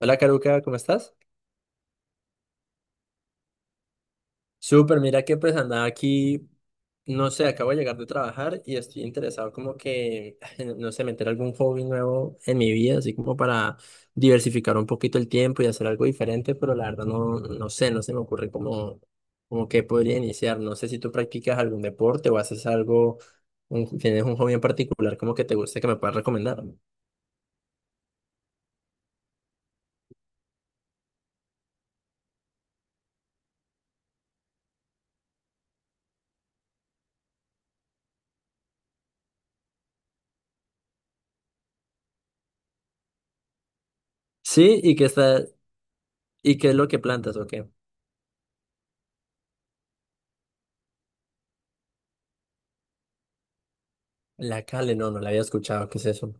Hola Caruca, ¿cómo estás? Súper, mira que pues andaba aquí, no sé, acabo de llegar de trabajar y estoy interesado como que, no sé, meter algún hobby nuevo en mi vida, así como para diversificar un poquito el tiempo y hacer algo diferente, pero la verdad no, no sé, no se me ocurre como, como que podría iniciar. No sé si tú practicas algún deporte o haces algo, tienes un hobby en particular como que te guste que me puedas recomendar. Sí, y qué es lo que plantas o qué. La cale, no, no la había escuchado, ¿qué es eso?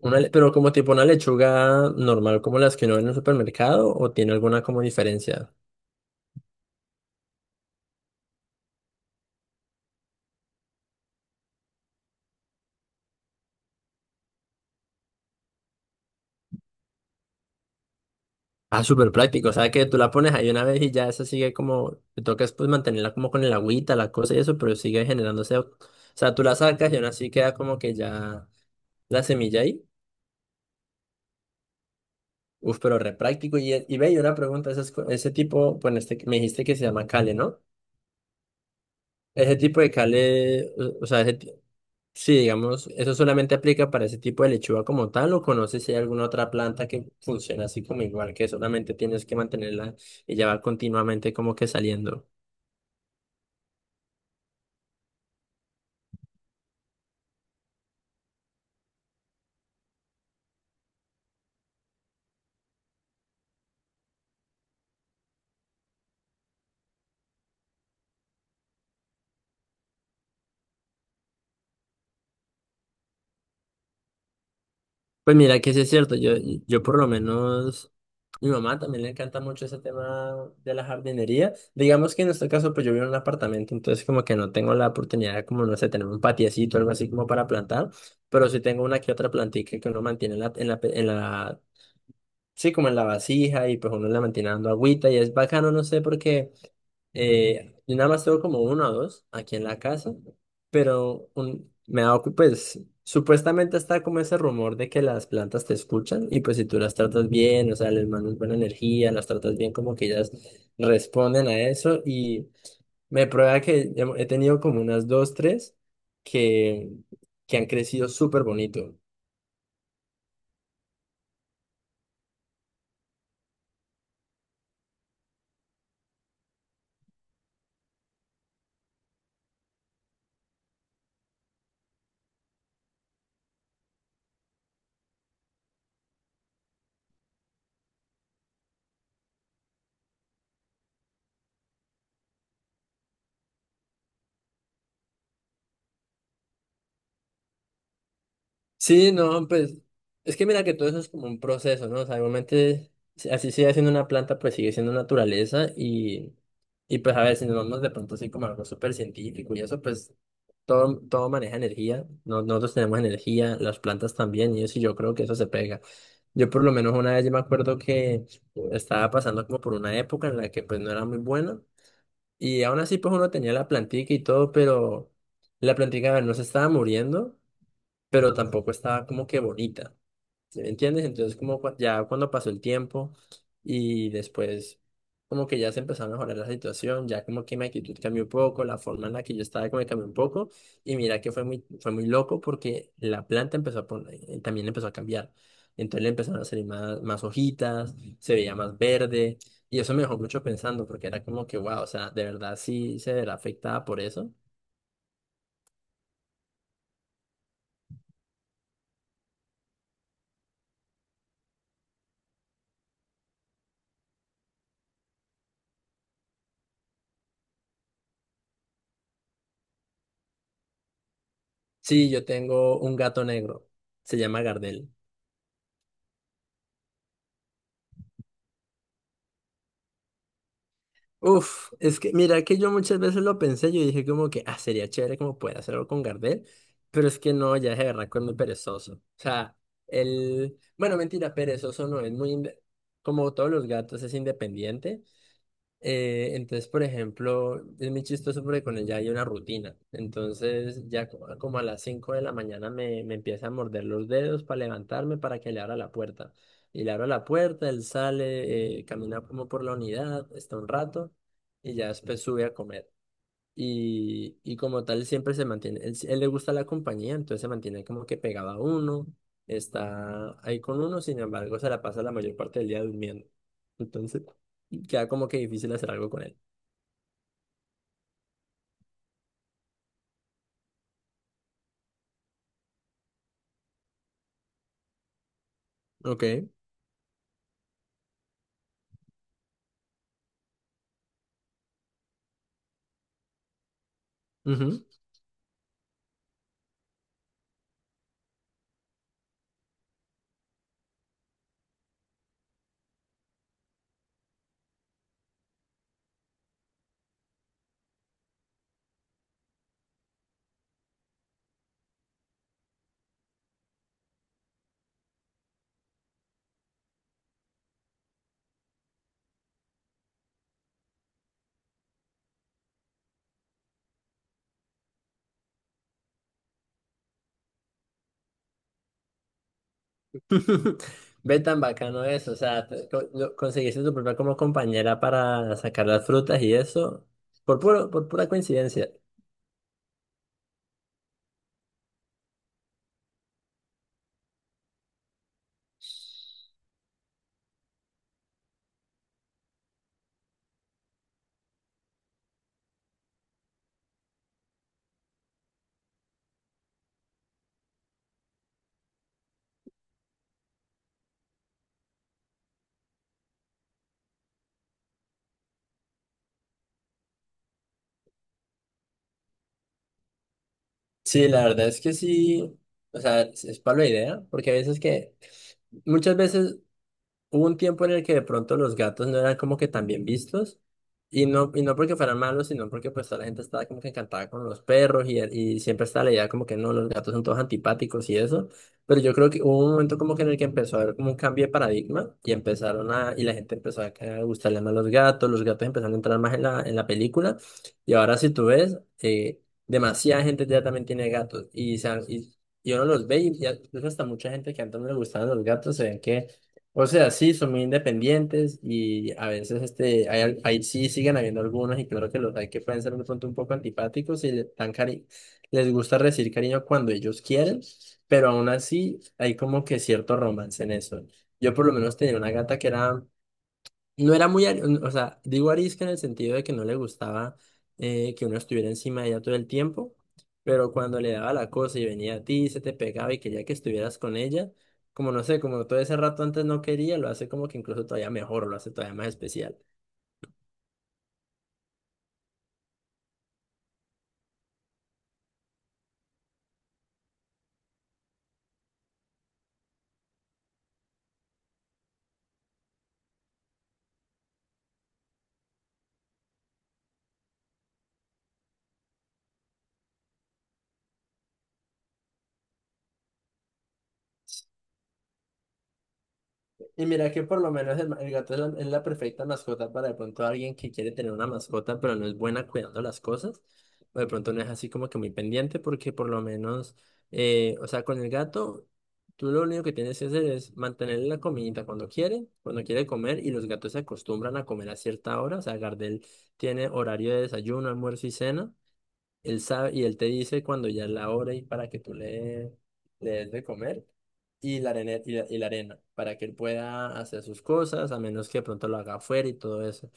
Pero como tipo una lechuga normal, como las que uno ve en el supermercado, o tiene alguna como diferencia. Ah, súper práctico. O sea que tú la pones ahí una vez y ya esa sigue como, te toca es, pues mantenerla como con el agüita, la cosa y eso, pero sigue generándose. O sea, tú la sacas y aún así queda como que ya la semilla ahí. Uf, pero re práctico. Y ve, y una pregunta, ese tipo, bueno, este, que me dijiste que se llama cale, ¿no? Ese tipo de cale, o sea, ese, sí, digamos, ¿eso solamente aplica para ese tipo de lechuga como tal o conoces si hay alguna otra planta que funciona así como igual, que solamente tienes que mantenerla y ya va continuamente como que saliendo? Pues mira que sí es cierto, yo por lo menos, mi mamá también le encanta mucho ese tema de la jardinería. Digamos que en este caso pues yo vivo en un apartamento, entonces como que no tengo la oportunidad de como, no sé, tener un patiecito o algo así como para plantar, pero sí tengo una que otra plantica que uno mantiene en la sí, como en la vasija y pues uno le mantiene dando agüita y es bacano, no sé por qué. Eh, yo nada más tengo como uno o dos aquí en la casa, pero me ha dado, pues supuestamente está como ese rumor de que las plantas te escuchan y pues si tú las tratas bien, o sea, les mandas buena energía, las tratas bien, como que ellas responden a eso y me prueba que he tenido como unas dos, tres que, que han crecido súper bonito. Sí, no, pues es que mira que todo eso es como un proceso, ¿no? O sea, igualmente, así sigue siendo una planta, pues sigue siendo naturaleza y pues a ver, si nos vamos de pronto así como a algo súper científico y eso, pues todo, todo maneja energía, nosotros tenemos energía, las plantas también y eso, y yo creo que eso se pega. Yo por lo menos una vez yo me acuerdo que estaba pasando como por una época en la que pues no era muy buena y aún así pues uno tenía la plantica y todo, pero la plantica a ver, no se estaba muriendo pero tampoco estaba como que bonita, ¿sí me entiendes? Entonces como ya cuando pasó el tiempo y después como que ya se empezó a mejorar la situación, ya como que mi actitud cambió un poco, la forma en la que yo estaba como que cambió un poco y mira que fue muy loco porque la planta empezó a poner, también empezó a cambiar. Entonces le empezaron a salir más hojitas, se veía más verde y eso me dejó mucho pensando porque era como que, wow, o sea, de verdad sí se verá afectada por eso. Sí, yo tengo un gato negro, se llama Gardel. Uf, es que mira que yo muchas veces lo pensé, yo dije como que, ah, sería chévere como poder hacerlo con Gardel, pero es que no, ya es de verdad que es muy perezoso. O sea, el, bueno, mentira, perezoso no, es muy, como todos los gatos, es independiente. Entonces, por ejemplo, es muy chistoso porque con él ya hay una rutina. Entonces, como a las 5 de la mañana me empieza a morder los dedos para levantarme para que le abra la puerta. Y le abro la puerta, él sale, camina como por la unidad, está un rato y ya después sube a comer y como tal siempre se mantiene, él, sí, él le gusta la compañía, entonces se mantiene como que pegado a uno, está ahí con uno, sin embargo se la pasa la mayor parte del día durmiendo. Entonces queda como que difícil hacer algo con él. Ok. Ujú. Ve tan bacano eso, o sea, conseguiste tu propia como compañera para sacar las frutas y eso, por pura coincidencia. Sí, la verdad es que sí, o sea, es para la idea, porque a veces que, muchas veces hubo un tiempo en el que de pronto los gatos no eran como que tan bien vistos. Y no porque fueran malos, sino porque pues toda la gente estaba como que encantada con los perros y siempre estaba la idea como que no, los gatos son todos antipáticos y eso. Pero yo creo que hubo un momento como que en el que empezó a haber como un cambio de paradigma y empezaron a, y la gente empezó a gustarle más los gatos empezaron a entrar más en la película. Y ahora si tú ves, demasiada gente ya también tiene gatos y, y uno los ve y ya, incluso hasta mucha gente que antes no le gustaban los gatos se ven que o sea, sí, son muy independientes y a veces este, hay, ahí sí siguen habiendo algunos y claro que los hay que pueden ser de pronto un poco antipáticos y les gusta recibir cariño cuando ellos quieren, pero aún así hay como que cierto romance en eso. Yo por lo menos tenía una gata que era no era muy, o sea, digo arisca en el sentido de que no le gustaba que uno estuviera encima de ella todo el tiempo, pero cuando le daba la cosa y venía a ti, se te pegaba y quería que estuvieras con ella, como no sé, como todo ese rato antes no quería, lo hace como que incluso todavía mejor, lo hace todavía más especial. Y mira que por lo menos el gato es la perfecta mascota para de pronto alguien que quiere tener una mascota, pero no es buena cuidando las cosas, o de pronto no es así como que muy pendiente, porque por lo menos, o sea, con el gato, tú lo único que tienes que hacer es mantenerle la comidita cuando quiere comer, y los gatos se acostumbran a comer a cierta hora, o sea, Gardel tiene horario de desayuno, almuerzo y cena. Él sabe, y él te dice cuando ya es la hora y para que le des de comer y la arena, y la arena, para que él pueda hacer sus cosas, a menos que de pronto lo haga afuera y todo eso.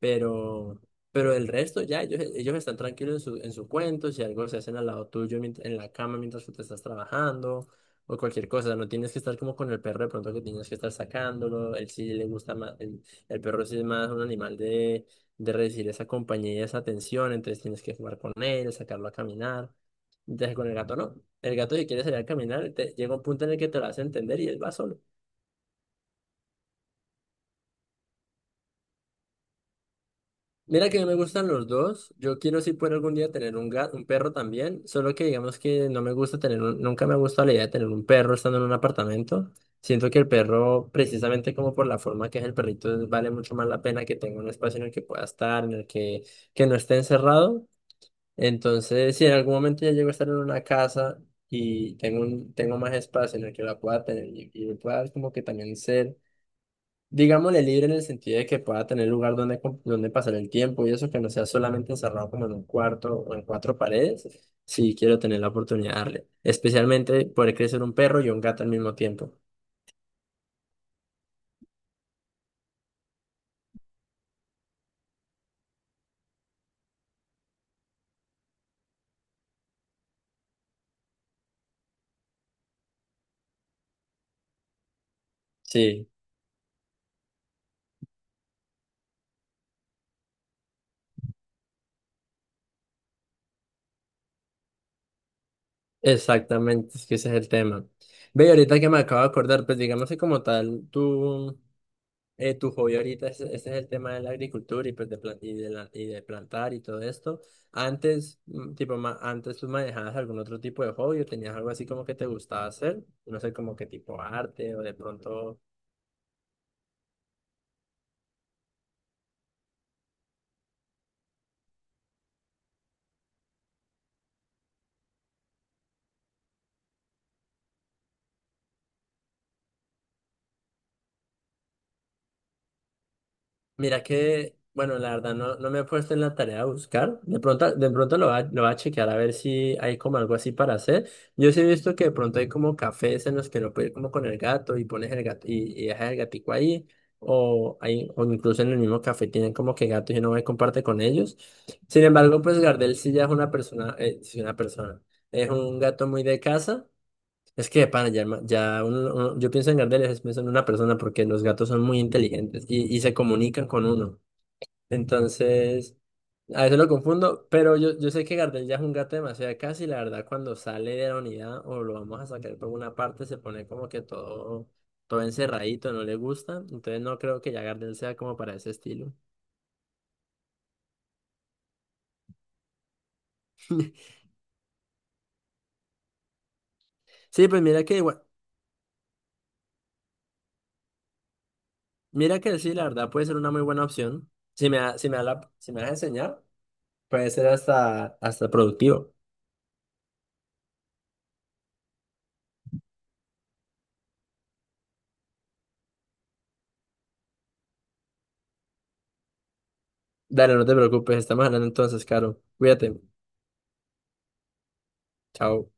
Pero, pero el resto ya, ellos están tranquilos en su cuento, si algo se hacen al lado tuyo en la cama mientras tú te estás trabajando o cualquier cosa, no tienes que estar como con el perro de pronto que tienes que estar sacándolo, él sí le gusta más, el perro sí es más un animal de recibir esa compañía y esa atención, entonces tienes que jugar con él, sacarlo a caminar. Entonces con el gato no. El gato si quiere salir a caminar, llega un punto en el que te lo hace entender y él va solo. Mira que a mí me gustan los dos. Yo quiero si puedo algún día tener un gato, un perro también. Solo que digamos que no me gusta tener nunca me gusta la idea de tener un perro estando en un apartamento. Siento que el perro, precisamente como por la forma que es el perrito, vale mucho más la pena que tenga un espacio en el que pueda estar, en el que no esté encerrado. Entonces, si en algún momento ya llego a estar en una casa y tengo, un, tengo más espacio en el que la pueda tener y pueda como que también ser, digámosle, libre en el sentido de que pueda tener lugar donde, donde pasar el tiempo y eso que no sea solamente encerrado como en un cuarto o en cuatro paredes, sí quiero tener la oportunidad de darle. Especialmente poder crecer un perro y un gato al mismo tiempo. Sí, exactamente, es que ese es el tema. Ve, y ahorita que me acabo de acordar, pues digamos que como tal, tú... tu hobby ahorita, ese, es el tema de la agricultura y, de plantar y todo esto. Antes, mm, tipo, antes tú manejabas algún otro tipo de hobby o tenías algo así como que te gustaba hacer, no sé, como que tipo arte o de pronto mira que, bueno, la verdad no, no me he puesto en la tarea de buscar. De pronto lo va a chequear a ver si hay como algo así para hacer. Yo sí he visto que de pronto hay como cafés en los que lo puedes ir como con el gato y pones el gato y dejas el gatico ahí. O, hay, o incluso en el mismo café tienen como que gatos y uno va y comparte con ellos. Sin embargo, pues Gardel sí ya es una persona, sí, una persona, es un gato muy de casa. Es que de pana, ya, yo pienso en Gardel y a veces pienso en una persona porque los gatos son muy inteligentes y se comunican con uno. Entonces, a veces lo confundo, pero yo sé que Gardel ya es un gato demasiado casi y la verdad cuando sale de la unidad o lo vamos a sacar por una parte se pone como que todo, todo encerradito, no le gusta. Entonces no creo que ya Gardel sea como para ese estilo. Sí, pues mira que igual, mira que sí, la verdad puede ser una muy buena opción. Si me vas a enseñar, puede ser hasta productivo. Dale, no te preocupes, estamos hablando entonces, Caro. Cuídate. Chao.